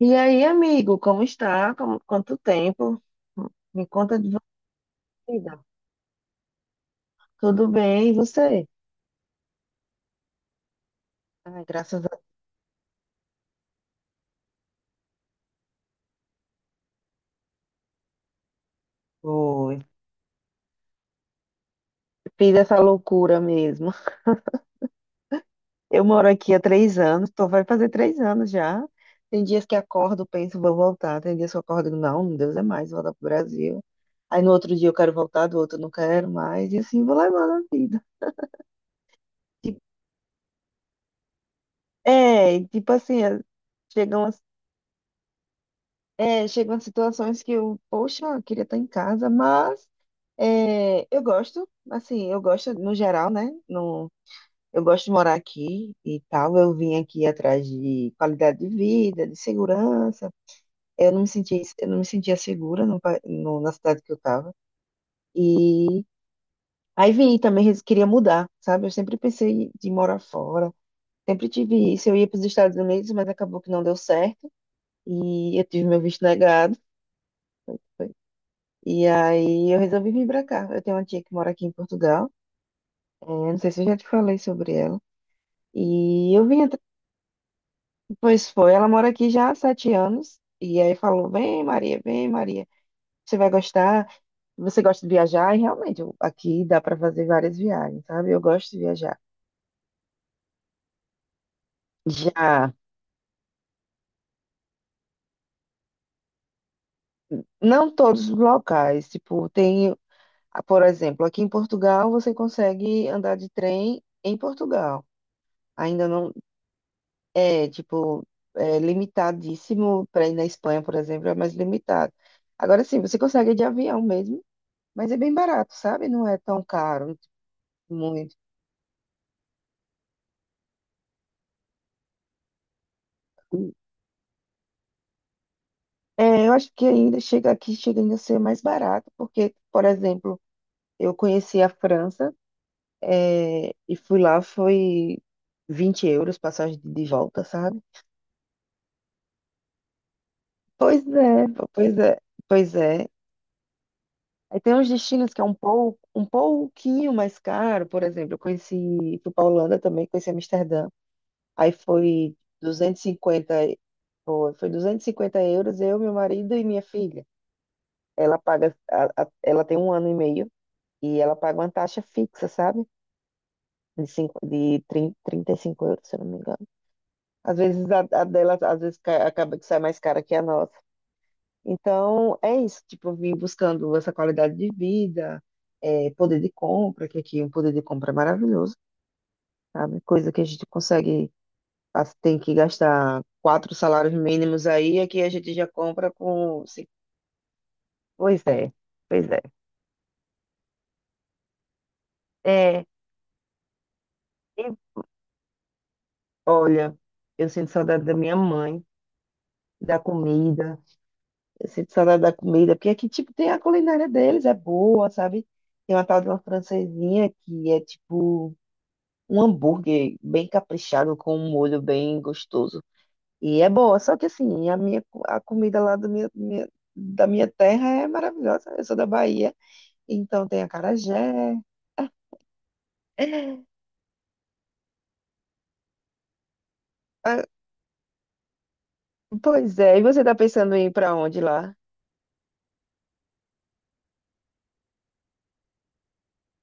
E aí, amigo, como está? Como, quanto tempo? Me conta de vida. Tudo bem, e você? Ai, graças a Deus. Fiz essa loucura mesmo. Eu moro aqui há 3 anos, vai fazer 3 anos já. Tem dias que acordo, penso, vou voltar. Tem dias que eu acordo, não, Deus é mais, vou voltar pro Brasil. Aí no outro dia eu quero voltar, do outro eu não quero mais. E assim vou levando a vida. Tipo, é, tipo assim, é, chegam é, chegam situações que eu, poxa, eu queria estar em casa, mas é, eu gosto, assim, eu gosto no geral, né? No, eu gosto de morar aqui e tal. Eu vim aqui atrás de qualidade de vida, de segurança. Eu não me sentia segura na cidade que eu estava. E aí vim e também queria mudar, sabe? Eu sempre pensei de morar fora. Sempre tive isso. Eu ia para os Estados Unidos, mas acabou que não deu certo. E eu tive meu visto negado. E aí eu resolvi vir pra cá. Eu tenho uma tia que mora aqui em Portugal. É, não sei se eu já te falei sobre ela. E eu vim, pois foi, ela mora aqui já há 7 anos. E aí falou: vem, Maria, vem, Maria. Você vai gostar? Você gosta de viajar? E realmente, aqui dá pra fazer várias viagens, sabe? Eu gosto de viajar. Já, não todos os locais. Tipo, tem, por exemplo, aqui em Portugal você consegue andar de trem em Portugal. Ainda não. É, tipo, é limitadíssimo para ir na Espanha, por exemplo, é mais limitado. Agora sim, você consegue ir de avião mesmo, mas é bem barato, sabe? Não é tão caro, muito. É, eu acho que ainda chega aqui, chega ainda a ser mais barato, porque, por exemplo, eu conheci a França, é, e fui lá, foi 20 euros passagem de volta, sabe? Pois é, pois é, pois é. Aí tem uns destinos que é um pouco, um pouquinho mais caro, por exemplo, eu conheci, fui para Holanda também, conheci Amsterdã. Aí foi 250, cinquenta, foi 250 euros, eu, meu marido e minha filha. Ela paga, a- Ela tem 1 ano e meio e ela paga uma taxa fixa, sabe? De 30, 35 euros, se eu não me engano. Às vezes a dela, às vezes acaba que sai mais cara que a nossa. Então, é isso, tipo, eu vim buscando essa qualidade de vida, é, poder de compra, que aqui o poder de compra é maravilhoso, sabe? Coisa que a gente consegue, tem que gastar 4 salários mínimos aí, aqui a gente já compra com cinco. Pois é, pois é. É, e olha, eu sinto saudade da minha mãe, da comida, eu sinto saudade da comida, porque aqui, tipo, tem a culinária deles, é boa, sabe? Tem uma tal de uma francesinha que é, tipo, um hambúrguer bem caprichado com um molho bem gostoso. E é boa, só que assim, a comida lá da minha terra é maravilhosa. Eu sou da Bahia, então tem acarajé. Ah, pois é, e você tá pensando em ir pra onde lá?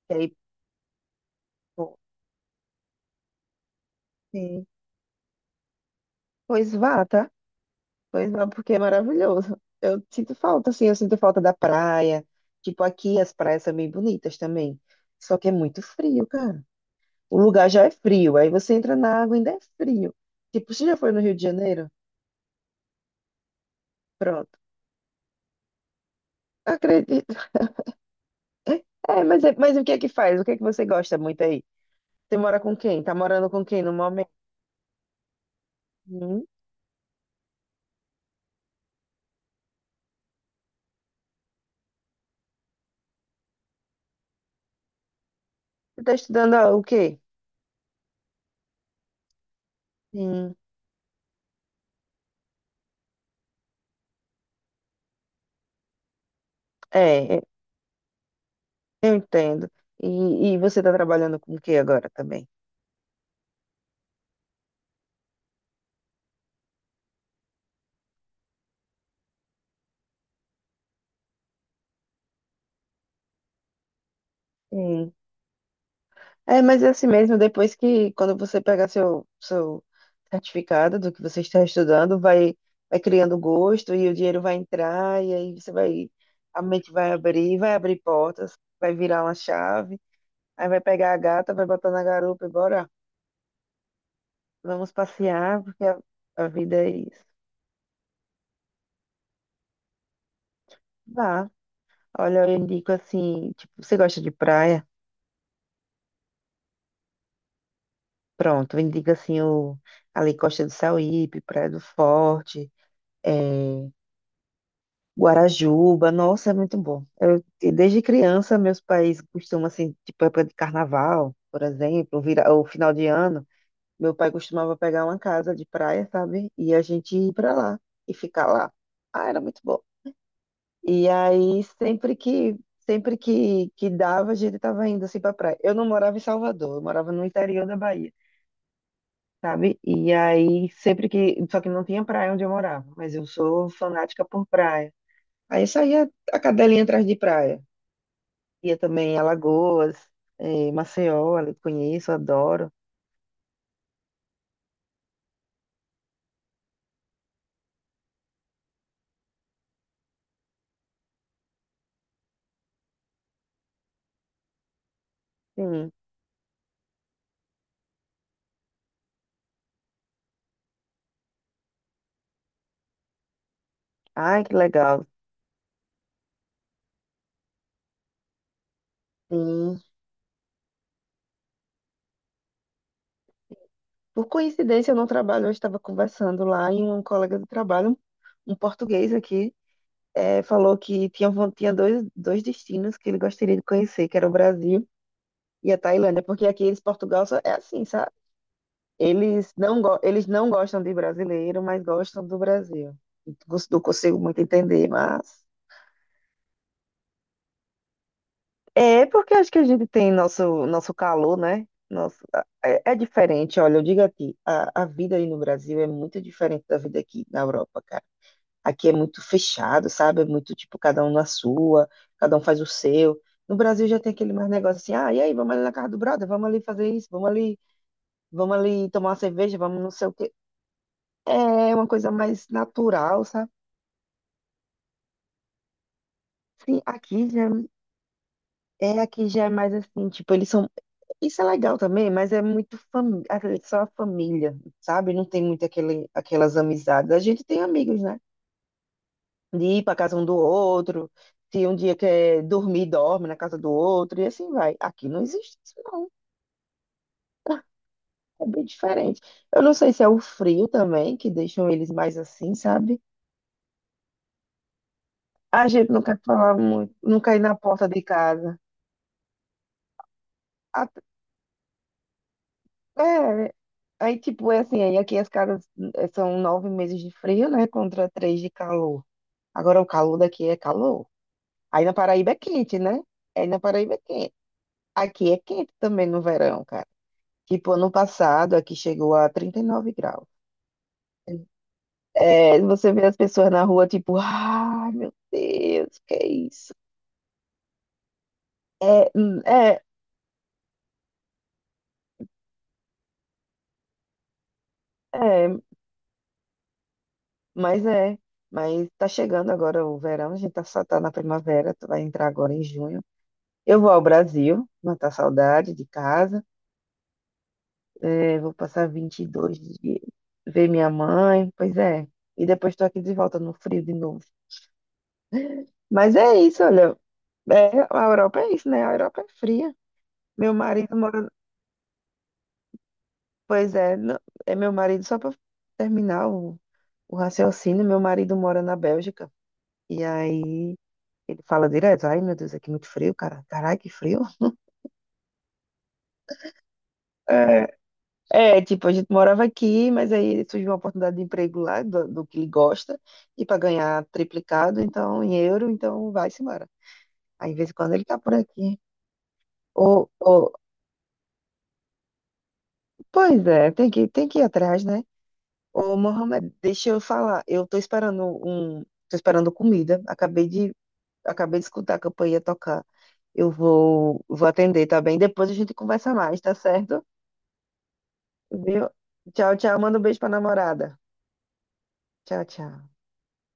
E aí, pô, sim. Pois vá, tá? Pois vá, porque é maravilhoso. Eu sinto falta, assim, eu sinto falta da praia. Tipo, aqui as praias são bem bonitas também. Só que é muito frio, cara. O lugar já é frio. Aí você entra na água e ainda é frio. Tipo, você já foi no Rio de Janeiro? Pronto. Acredito. É, mas, mas o que é que faz? O que é que você gosta muito aí? Você mora com quem? Tá morando com quem no momento? Hum? Você tá estudando, ah, o quê? Sim. É, é, eu entendo. E você tá trabalhando com o quê agora também? É, mas é assim mesmo, depois que, quando você pegar seu certificado do que você está estudando, vai criando gosto e o dinheiro vai entrar, e aí você vai, a mente vai abrir portas, vai virar uma chave, aí vai pegar a gata, vai botar na garupa e bora, vamos passear, porque a vida é isso. Vá, olha, eu indico assim, tipo, você gosta de praia? Pronto, eu indico assim, ali Costa do Sauípe, Praia do Forte, eh, Guarajuba, nossa, é muito bom. E desde criança, meus pais costumam, assim, tipo, época de carnaval, por exemplo, vira, ou final de ano, meu pai costumava pegar uma casa de praia, sabe? E a gente ir pra lá e ficar lá. Ah, era muito bom. E aí, sempre que dava, a gente tava indo, assim, pra praia. Eu não morava em Salvador, eu morava no interior da Bahia, sabe? Só que não tinha praia onde eu morava, mas eu sou fanática por praia. Aí saía a cadelinha atrás de praia. Ia também em Alagoas, Maceió, ali conheço, adoro. Sim. Ai, que legal. Sim. Por coincidência, eu não trabalho, eu estava conversando lá e um colega do trabalho, um português aqui, falou que tinha dois destinos que ele gostaria de conhecer, que era o Brasil e a Tailândia, porque aqui eles, Portugal, só é assim, sabe? Eles não gostam de brasileiro, mas gostam do Brasil. Não consigo muito entender, mas é porque acho que a gente tem nosso calor, né? Nosso, é diferente, olha, eu digo a ti, a vida aí no Brasil é muito diferente da vida aqui na Europa, cara. Aqui é muito fechado, sabe? É muito tipo, cada um na sua, cada um faz o seu. No Brasil já tem aquele mais negócio assim, ah, e aí, vamos ali na casa do brother, vamos ali fazer isso, vamos ali tomar uma cerveja, vamos não sei o quê. É uma coisa mais natural, sabe? Sim, aqui já é mais assim, tipo, eles são isso é legal também, mas é muito só a família, sabe? Não tem muito aquelas amizades. A gente tem amigos, né? De ir para casa um do outro, se um dia quer dormir, dorme na casa do outro, e assim vai. Aqui não existe isso, não. É bem diferente. Eu não sei se é o frio também, que deixam eles mais assim, sabe? A gente não quer falar muito, não quer ir na porta de casa. A- É, aí tipo, é assim, aí aqui as casas são 9 meses de frio, né? Contra três de calor. Agora o calor daqui é calor. Aí na Paraíba é quente, né? Aí na Paraíba é quente. Aqui é quente também no verão, cara. Tipo, ano passado aqui chegou a 39 graus. É, você vê as pessoas na rua, tipo, ai meu Deus, que é isso? É, é, é, é. Mas tá chegando agora o verão, a gente tá, só tá na primavera, tu vai entrar agora em junho. Eu vou ao Brasil, matar saudade de casa. É, vou passar 22 de ver minha mãe, pois é. E depois estou aqui de volta no frio de novo. Mas é isso, olha. É, a Europa é isso, né? A Europa é fria. Meu marido mora. Pois é, é meu marido, só para terminar o raciocínio, meu marido mora na Bélgica. E aí ele fala direto: Ai, meu Deus, aqui é muito frio, cara. Caralho, que frio. É. É, tipo, a gente morava aqui, mas aí surgiu uma oportunidade de emprego lá, do que ele gosta, e para ganhar triplicado, então, em euro, então vai-se embora. Aí, de vez em quando, ele tá por aqui. Ô, ô, pois é, tem que ir atrás, né? Ô, Mohamed, deixa eu falar, eu tô esperando um, tô esperando comida, acabei de escutar a campainha tocar. Eu vou atender, tá bem? Depois a gente conversa mais, tá certo? Viu? Tchau, tchau, manda um beijo pra namorada. Tchau, tchau.